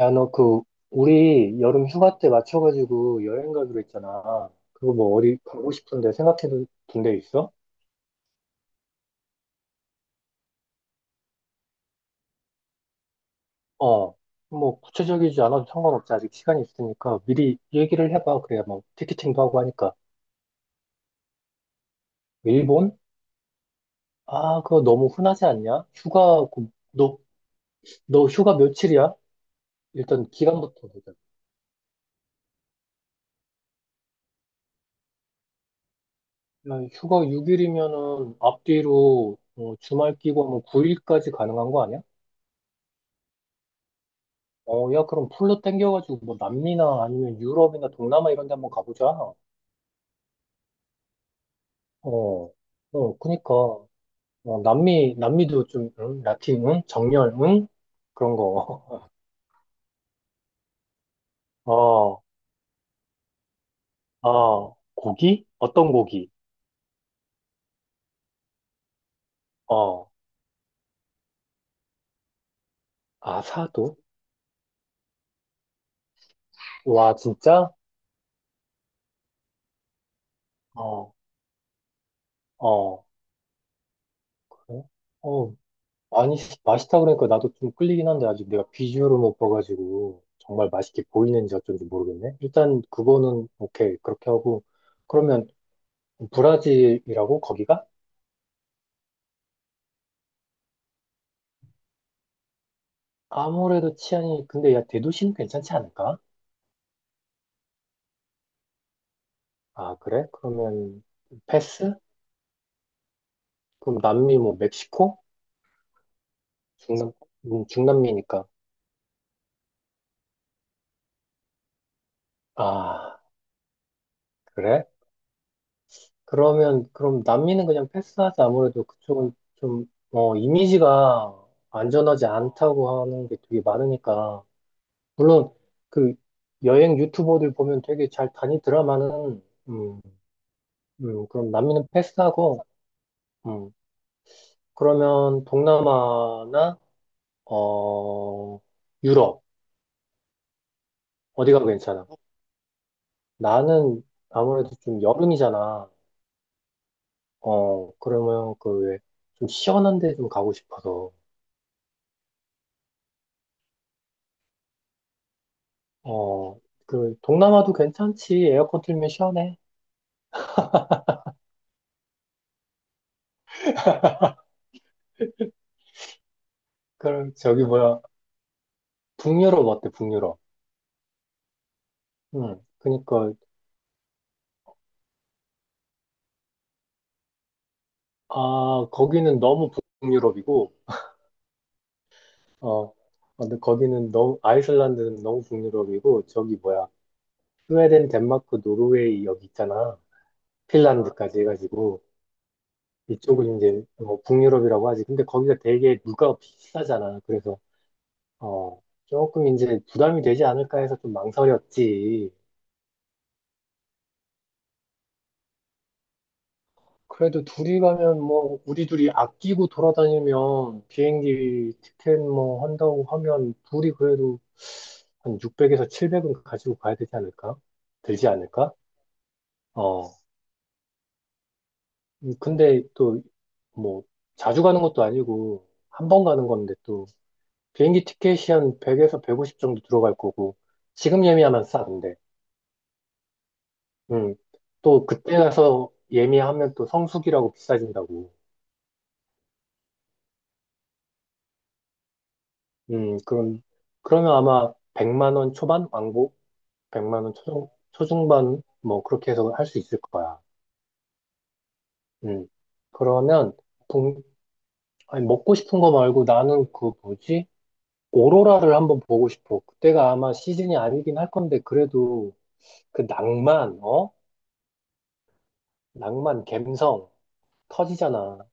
야, 너 우리 여름 휴가 때 맞춰가지고 여행 가기로 했잖아. 그거 뭐 어디 가고 싶은데 생각해 둔 데 있어? 어. 뭐 구체적이지 않아도 상관없지. 아직 시간이 있으니까 미리 얘기를 해봐. 그래야 뭐 티켓팅도 하고 하니까. 일본? 아, 그거 너무 흔하지 않냐? 휴가, 너 휴가 며칠이야? 일단 기간부터 보자. 야, 휴가 6일이면은 앞뒤로 어, 주말 끼고 뭐 9일까지 가능한 거 아니야? 어, 야, 그럼 풀로 땡겨가지고, 뭐, 남미나 아니면 유럽이나 동남아 이런 데 한번 가보자. 어, 어, 그니까. 어, 남미, 남미도 좀, 응? 라틴, 응? 정열, 응? 그런 거. 어, 어, 고기? 어떤 고기? 어, 아사도? 와, 진짜? 어, 어, 그래? 어, 아니, 맛있다 그러니까 나도 좀 끌리긴 한데, 아직 내가 비주얼을 못 봐가지고, 정말 맛있게 보이는지 어쩐지 모르겠네. 일단, 그거는, 오케이. 그렇게 하고, 그러면, 브라질이라고 거기가? 아무래도 치안이 근데 야 대도시는 괜찮지 않을까? 아 그래? 그러면 패스? 그럼 남미 뭐 멕시코? 중남 중남미니까 아 그래? 그러면 그럼 남미는 그냥 패스하자. 아무래도 그쪽은 좀 어, 이미지가 안전하지 않다고 하는 게 되게 많으니까 물론 그 여행 유튜버들 보면 되게 잘 다니더라마는 음, 그럼 남미는 패스하고 음, 그러면 동남아나 어 유럽 어디가 괜찮아? 어, 나는 아무래도 좀 여름이잖아. 어 그러면 좀 시원한 데 좀 가고 싶어서 어 동남아도 괜찮지. 에어컨 틀면 시원해. 그럼 저기 뭐야 북유럽 어때? 북유럽. 응. 그러니까 아 거기는 너무 북유럽이고 어 아, 근데 거기는 너무 아이슬란드는 너무 북유럽이고 저기 뭐야 스웨덴, 덴마크, 노르웨이 여기 있잖아. 핀란드까지 해가지고 이쪽은 이제 뭐 북유럽이라고 하지. 근데 거기가 되게 물가가 비싸잖아. 그래서 어 조금 이제 부담이 되지 않을까 해서 좀 망설였지. 그래도 둘이 가면 뭐 우리 둘이 아끼고 돌아다니면 비행기 티켓 뭐 한다고 하면 둘이 그래도 한 600에서 700은 가지고 가야 되지 않을까? 들지 않을까? 어. 근데 또 뭐 자주 가는 것도 아니고 한 번 가는 건데 비행기 티켓이 한 100에서 150 정도 들어갈 거고, 지금 예매하면 싸던데. 음. 또 그때 가서 예매하면 또 성수기라고 비싸진다고. 음, 그럼, 그러면 아마 100만 원 초반? 왕복? 100만 원 초중반? 뭐, 그렇게 해서 할 수 있을 거야. 음. 그러면, 동, 아니, 먹고 싶은 거 말고 나는 그 뭐지? 오로라를 한번 보고 싶어. 그때가 아마 시즌이 아니긴 할 건데, 그래도 그 낭만, 어? 낭만, 감성, 터지잖아.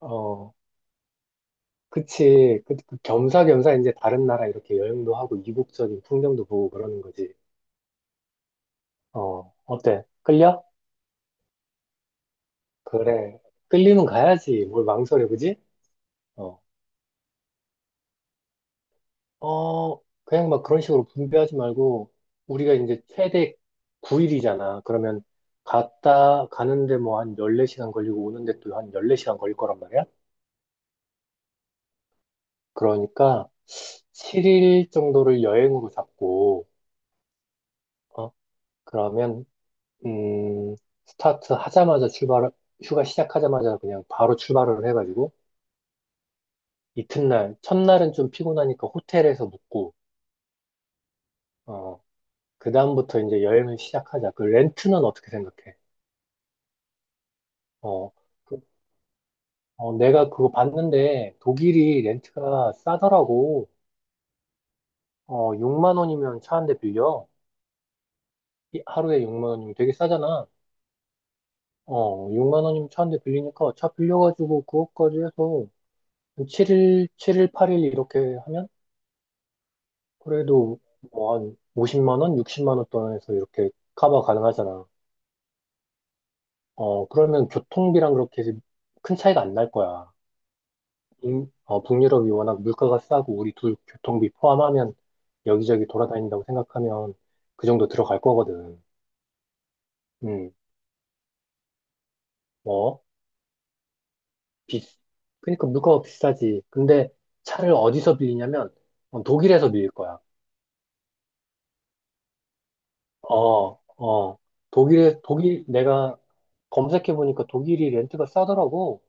어, 그치. 그 겸사겸사 이제 다른 나라 이렇게 여행도 하고 이국적인 풍경도 보고 그러는 거지. 어, 어때? 끌려? 그래. 끌리면 가야지. 뭘 망설여, 그지? 어, 어, 그냥 막 그런 식으로 분배하지 말고, 우리가 이제 최대 9일이잖아. 그러면 갔다 가는데 뭐 한 14시간 걸리고 오는데 또 한 14시간 걸릴 거란 말이야? 그러니까 7일 정도를 여행으로 잡고, 어, 그러면 음, 스타트 하자마자 출발, 휴가 시작하자마자 그냥 바로 출발을 해가지고, 이튿날, 첫날은 좀 피곤하니까 호텔에서 묵고, 어, 그다음부터 이제 여행을 시작하자. 그 렌트는 어떻게 생각해? 어, 그- 어, 내가 그거 봤는데, 독일이 렌트가 싸더라고. 어, 6만 원이면 차 한 대 빌려. 하루에 6만 원이면 되게 싸잖아. 어, 6만 원이면 차 한 대 빌리니까 차 빌려가지고 그것까지 해서 7일, 8일 이렇게 하면 그래도 뭐 한 50만 원, 60만 원 돈에서 이렇게 커버 가능하잖아. 어, 그러면 교통비랑 그렇게 큰 차이가 안 날 거야. 어, 북유럽이 워낙 물가가 싸고 우리 둘 교통비 포함하면 여기저기 돌아다닌다고 생각하면 그 정도 들어갈 거거든. 음, 뭐, 비, 그러니까 물가가 비싸지. 근데 차를 어디서 빌리냐면 어, 독일에서 빌릴 거야. 어, 어, 독일, 내가 검색해보니까 독일이 렌트가 싸더라고.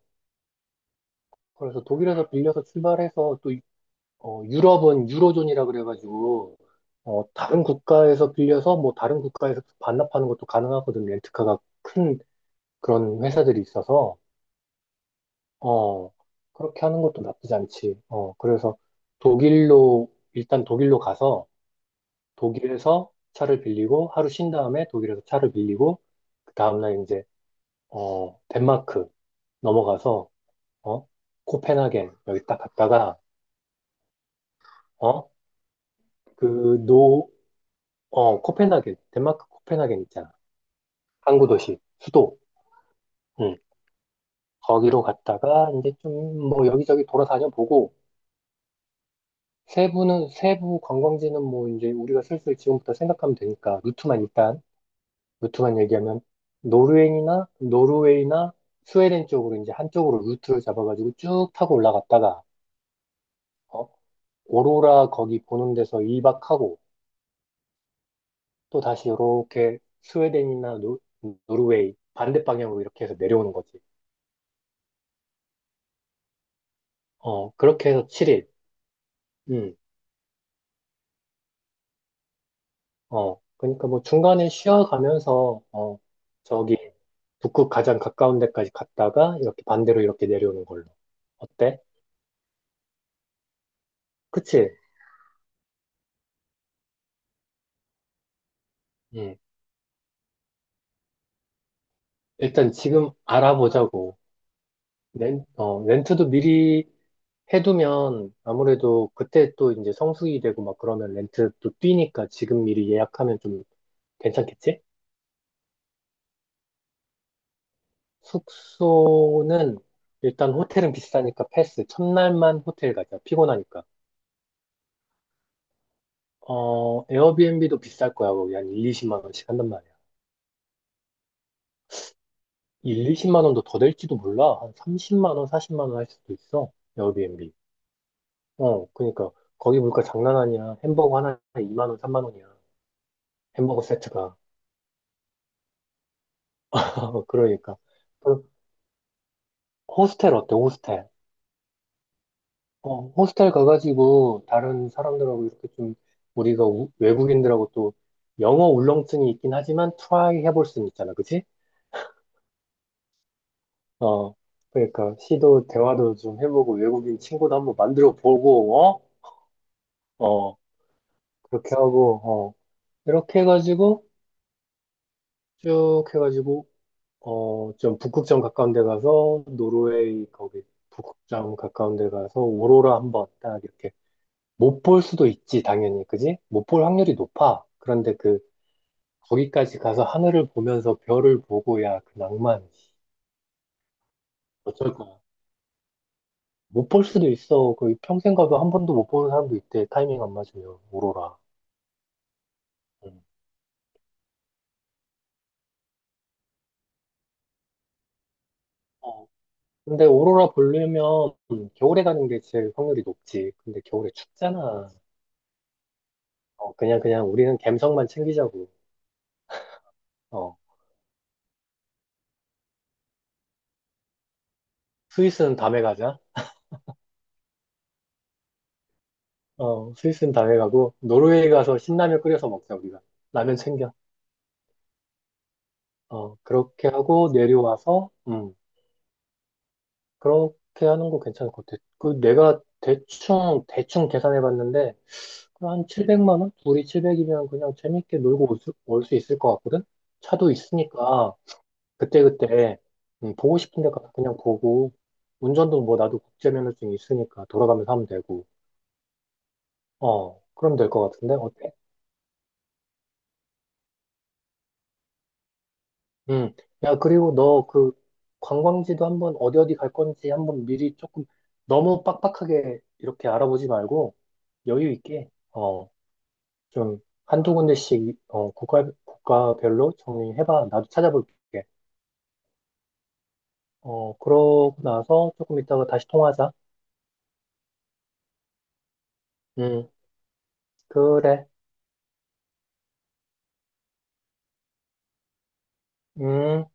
그래서 독일에서 빌려서 출발해서 또 어, 유럽은 유로존이라 그래가지고 어, 다른 국가에서 빌려서 뭐 다른 국가에서 반납하는 것도 가능하거든. 렌트카가 큰 그런 회사들이 있어서 어, 그렇게 하는 것도 나쁘지 않지. 어, 그래서 독일로 일단 독일로 가서 독일에서 차를 빌리고 하루 쉰 다음에 독일에서 차를 빌리고 그 다음날 이제 어, 덴마크 넘어가서 어, 코펜하겐 여기 딱 갔다가 어? 그 노, 어, 코펜하겐, 덴마크 코펜하겐 있잖아. 항구 도시, 수도. 응. 거기로 갔다가 이제 좀 뭐 여기저기 돌아다녀 보고 세부는 세부 관광지는 뭐 이제 우리가 슬슬 지금부터 생각하면 되니까 루트만 일단 루트만 얘기하면 노르웨이나 스웨덴 쪽으로 이제 한쪽으로 루트를 잡아가지고 쭉 타고 올라갔다가 어? 오로라 거기 보는 데서 이박하고 또 다시 이렇게 스웨덴이나 노르웨이 반대 방향으로 이렇게 해서 내려오는 거지. 어, 그렇게 해서 7일. 음, 어, 그러니까 뭐 중간에 쉬어가면서, 어, 저기, 북극 가장 가까운 데까지 갔다가 이렇게 반대로 이렇게 내려오는 걸로. 어때? 그치? 음, 일단 지금 알아보자고. 어, 렌트도 미리 해두면 아무래도 그때 또 이제 성수기 되고 막 그러면 렌트도 뛰니까 지금 미리 예약하면 좀 괜찮겠지? 숙소는 일단 호텔은 비싸니까 패스. 첫날만 호텔 가자. 피곤하니까. 어, 에어비앤비도 비쌀 거야. 거기 한 1, 20만 원씩 한단 말이야. 1, 20만 원도 더 될지도 몰라. 한 30만 원, 40만 원 할 수도 있어. 에어비앤비. 어, 그러니까 거기 물가 장난 아니야. 햄버거 하나에 2만 원, 3만 원이야. 햄버거 세트가. 그러니까. 그 호스텔 어때? 호스텔. 어, 호스텔 가가지고 다른 사람들하고 이렇게 좀 우리가 외국인들하고 또 영어 울렁증이 있긴 하지만 트라이 해볼 수는 있잖아. 그치? 어, 그러니까 시도 대화도 좀 해보고 외국인 친구도 한번 만들어 보고 어, 어 그렇게 하고 어 이렇게 해가지고 쭉 해가지고 어 좀 북극점 가까운 데 가서 노르웨이 거기 북극점 가까운 데 가서 오로라 한번 딱 이렇게 못 볼 수도 있지 당연히 그지? 못 볼 확률이 높아 그런데 그 거기까지 가서 하늘을 보면서 별을 보고 야 그 낭만 어쩔 거야 못 볼 수도 있어. 그 평생 가도 한 번도 못 보는 사람도 있대. 타이밍 안 맞으면 오로라. 음. 어, 근데 오로라 보려면 겨울에 가는 게 제일 확률이 높지. 근데 겨울에 춥잖아. 어, 그냥 그냥 우리는 갬성만 챙기자고. 어, 스위스는 다음에 가자. 어, 스위스는 다음에 가고 노르웨이 가서 신라면 끓여서 먹자 우리가. 라면 챙겨. 어, 그렇게 하고 내려와서 그렇게 하는 거 괜찮을 것 같아. 그 내가 대충, 대충 계산해 봤는데, 한 700만 원? 둘이 700이면 그냥 재밌게 놀고 올 수 있을 것 같거든? 차도 있으니까, 그때그때, 보고 싶은 데 가서 그냥 보고, 운전도 뭐 나도 국제면허증이 있으니까 돌아가면서 하면 되고, 어, 그럼 될 것 같은데? 어때? 음, 야, 그리고 너 그 관광지도 한번 어디 어디 갈 건지 한번 미리 조금 너무 빡빡하게 이렇게 알아보지 말고, 여유 있게, 어, 좀 한두 군데씩 어, 국가별로 정리해봐. 나도 찾아볼게. 어, 그러고 나서 조금 이따가 다시 통화하자. 음, 그래. 음.